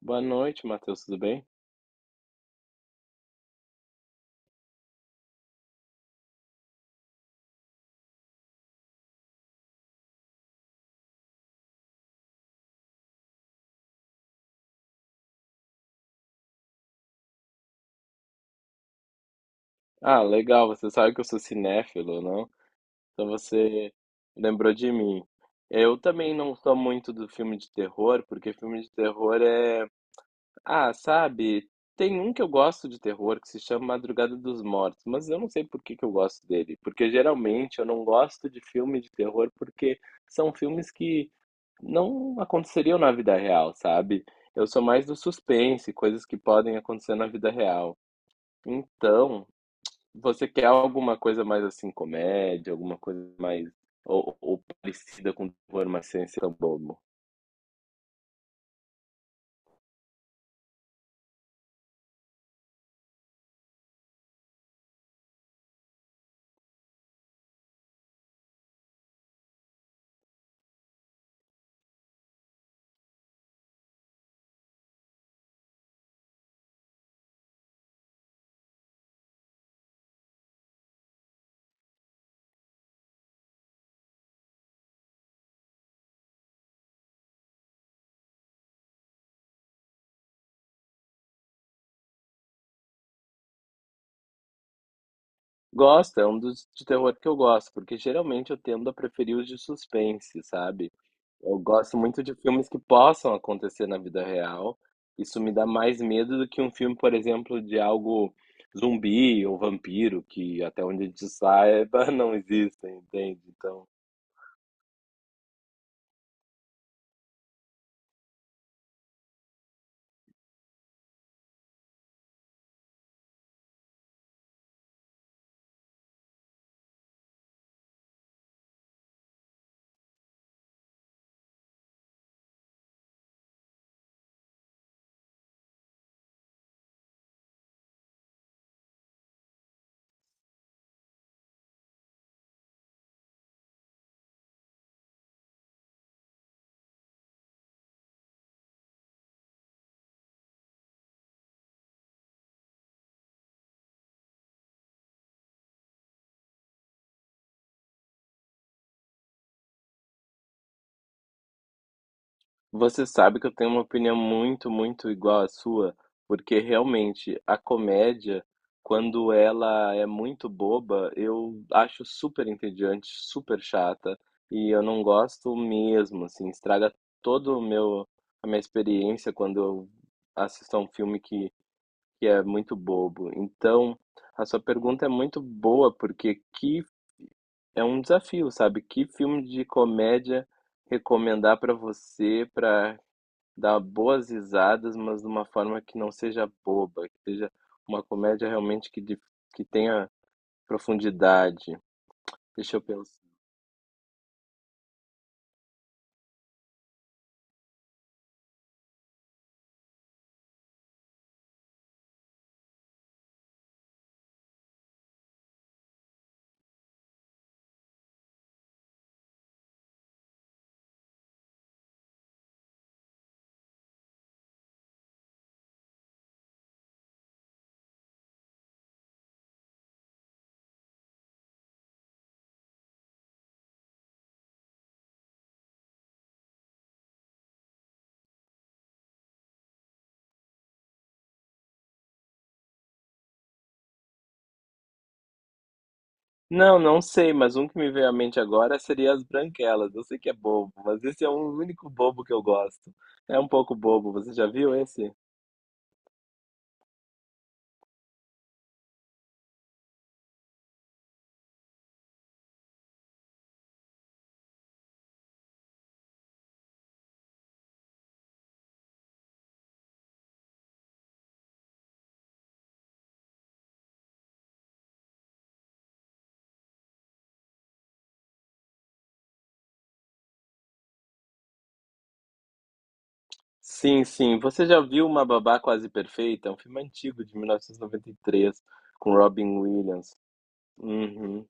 Boa noite, Matheus, tudo bem? Ah, legal, você sabe que eu sou cinéfilo, não? Então você lembrou de mim. Eu também não sou muito do filme de terror, porque filme de terror é. Ah, sabe, tem um que eu gosto de terror que se chama Madrugada dos Mortos, mas eu não sei por que que eu gosto dele. Porque geralmente eu não gosto de filme de terror porque são filmes que não aconteceriam na vida real, sabe? Eu sou mais do suspense, coisas que podem acontecer na vida real. Então. Você quer alguma coisa mais assim, comédia, alguma coisa mais. Ou parecida com terror, mas sem ser tão bobo. Gosto, é um dos de terror que eu gosto, porque geralmente eu tendo a preferir os de suspense, sabe? Eu gosto muito de filmes que possam acontecer na vida real. Isso me dá mais medo do que um filme, por exemplo, de algo zumbi ou vampiro, que até onde a gente saiba não existem, entende? Então. Você sabe que eu tenho uma opinião muito, muito igual à sua, porque realmente a comédia, quando ela é muito boba, eu acho super entediante, super chata, e eu não gosto mesmo, assim, estraga todo o meu a minha experiência quando eu assisto a um filme que é muito bobo. Então, a sua pergunta é muito boa, porque que é um desafio, sabe? Que filme de comédia recomendar para você para dar boas risadas, mas de uma forma que não seja boba, que seja uma comédia realmente que tenha profundidade. Deixa eu pensar. Não, não sei, mas um que me veio à mente agora seria As Branquelas. Eu sei que é bobo, mas esse é o único bobo que eu gosto. É um pouco bobo, você já viu esse? Sim, sim. Você já viu Uma Babá Quase Perfeita? É um filme antigo, de 1993, com Robin Williams. Uhum.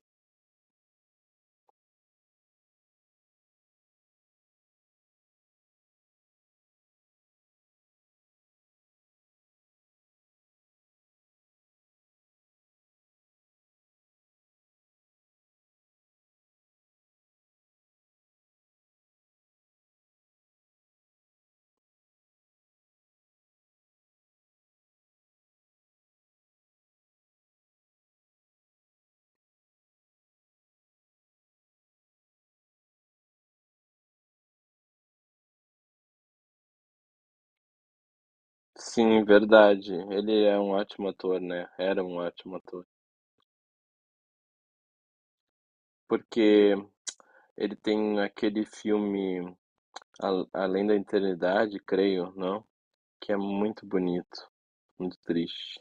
Sim, verdade. Ele é um ótimo ator, né? Era um ótimo ator. Porque ele tem aquele filme Além da Eternidade, creio, não? Que é muito bonito, muito triste.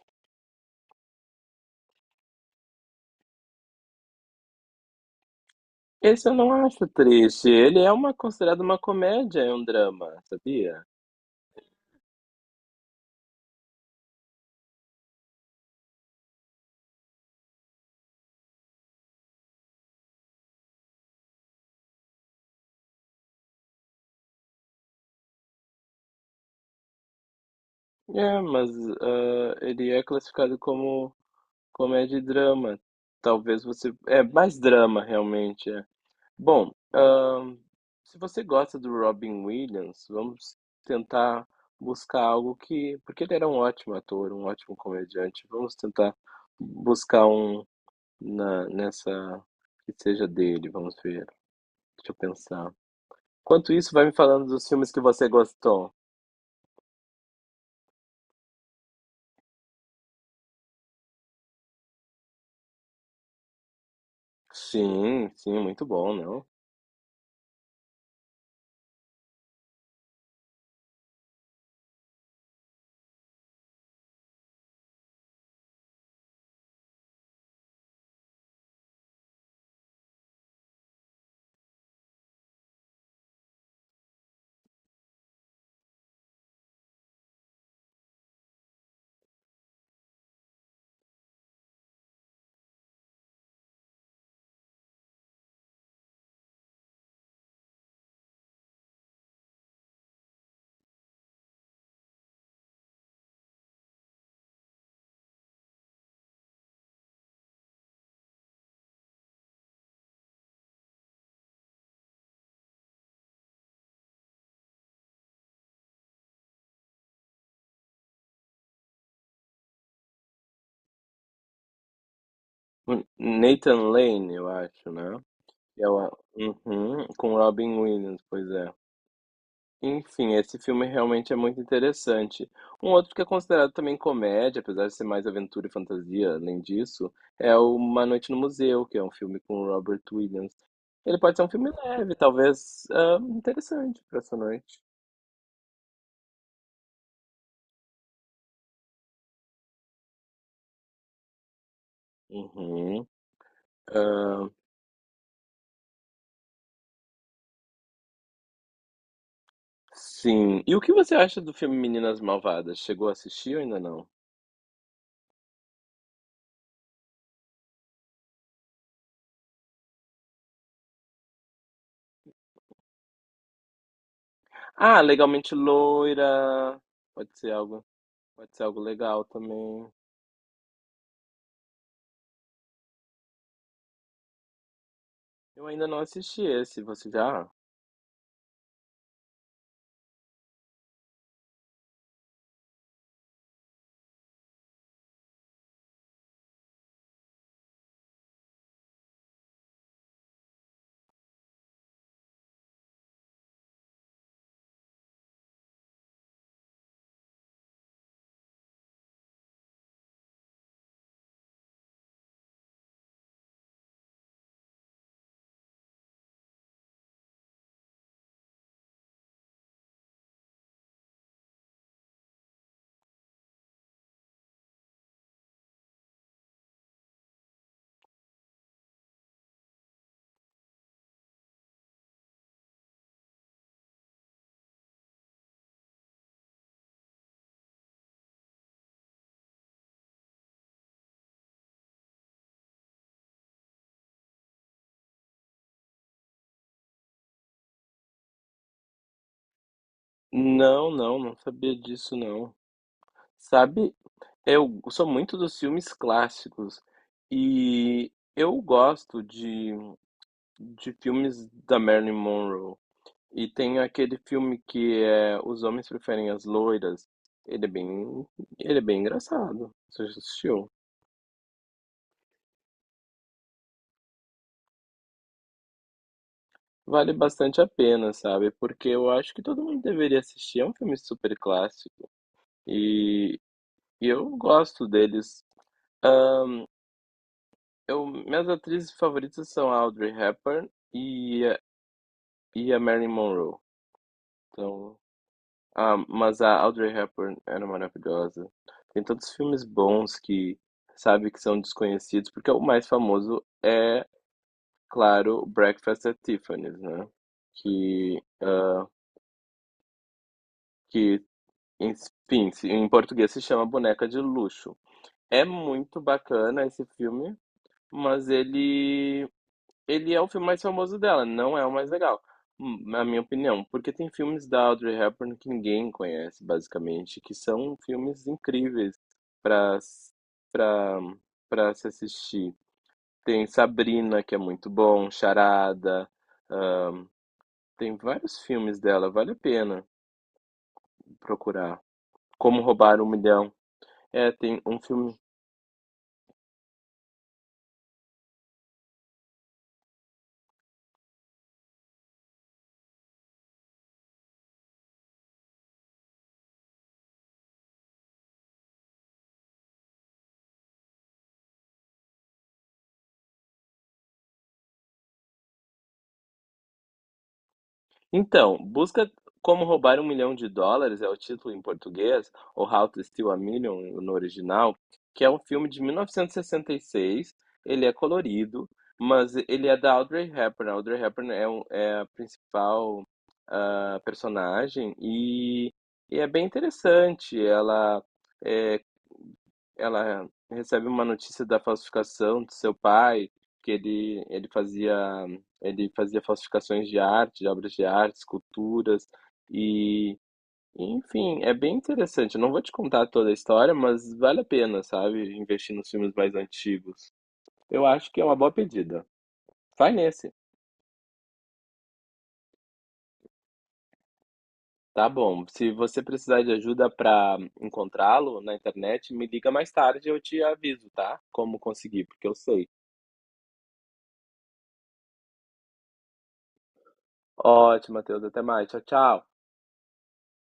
Esse eu não acho triste. Ele é uma considerado uma comédia, é um drama, sabia? É, mas ele é classificado como comédia e drama. Talvez você. É mais drama, realmente. É. Bom, se você gosta do Robin Williams, vamos tentar buscar algo que porque ele era um ótimo ator, um ótimo comediante. Vamos tentar buscar um na nessa que seja dele, vamos ver. Deixa eu pensar. Enquanto isso, vai me falando dos filmes que você gostou. Sim, sim, muito bom, não? Nathan Lane, eu acho, né? É o, uhum, com Robin Williams, pois é. Enfim, esse filme realmente é muito interessante. Um outro que é considerado também comédia, apesar de ser mais aventura e fantasia, além disso, é o Uma Noite no Museu, que é um filme com o Robert Williams. Ele pode ser um filme leve, talvez interessante para essa noite. Uhum. Ah, sim. E o que você acha do filme Meninas Malvadas? Chegou a assistir ou ainda não? Ah, Legalmente Loira. Pode ser algo, pode ser algo legal também. Eu ainda não assisti esse, você já? Não, não, não sabia disso não. Sabe, eu sou muito dos filmes clássicos e eu gosto de filmes da Marilyn Monroe. E tem aquele filme que é Os Homens Preferem as Loiras. Ele é bem, ele é bem engraçado. Você já assistiu? Vale bastante a pena, sabe? Porque eu acho que todo mundo deveria assistir. É um filme super clássico e, e eu gosto deles. Ah, minhas atrizes favoritas são a Audrey Hepburn e a Marilyn Monroe. Então, mas a Audrey Hepburn era maravilhosa. Tem tantos filmes bons que sabe que são desconhecidos, porque o mais famoso é, claro, Breakfast at Tiffany's, né? Que, ah, que enfim, em português se chama Boneca de Luxo. É muito bacana esse filme, mas ele é o filme mais famoso dela, não é o mais legal, na minha opinião, porque tem filmes da Audrey Hepburn que ninguém conhece, basicamente, que são filmes incríveis para para se assistir. Tem Sabrina, que é muito bom, Charada, ah, tem vários filmes dela, vale a pena procurar. Como Roubar um Milhão. É, tem um filme então, busca como roubar um milhão de dólares é o título em português, ou How to Steal a Million no original, que é um filme de mil novecentos e sessenta e seis. Ele é colorido, mas ele é da Audrey Hepburn. A Audrey Hepburn é a principal personagem e é bem interessante. É, ela recebe uma notícia da falsificação do seu pai, que ele fazia falsificações de arte, de obras de arte, esculturas e, enfim, é bem interessante. Eu não vou te contar toda a história, mas vale a pena, sabe? Investir nos filmes mais antigos. Eu acho que é uma boa pedida. Vai nesse. Tá bom. Se você precisar de ajuda para encontrá-lo na internet, me liga mais tarde e eu te aviso, tá? Como conseguir, porque eu sei. Ótimo, Matheus. Até mais. Tchau, tchau.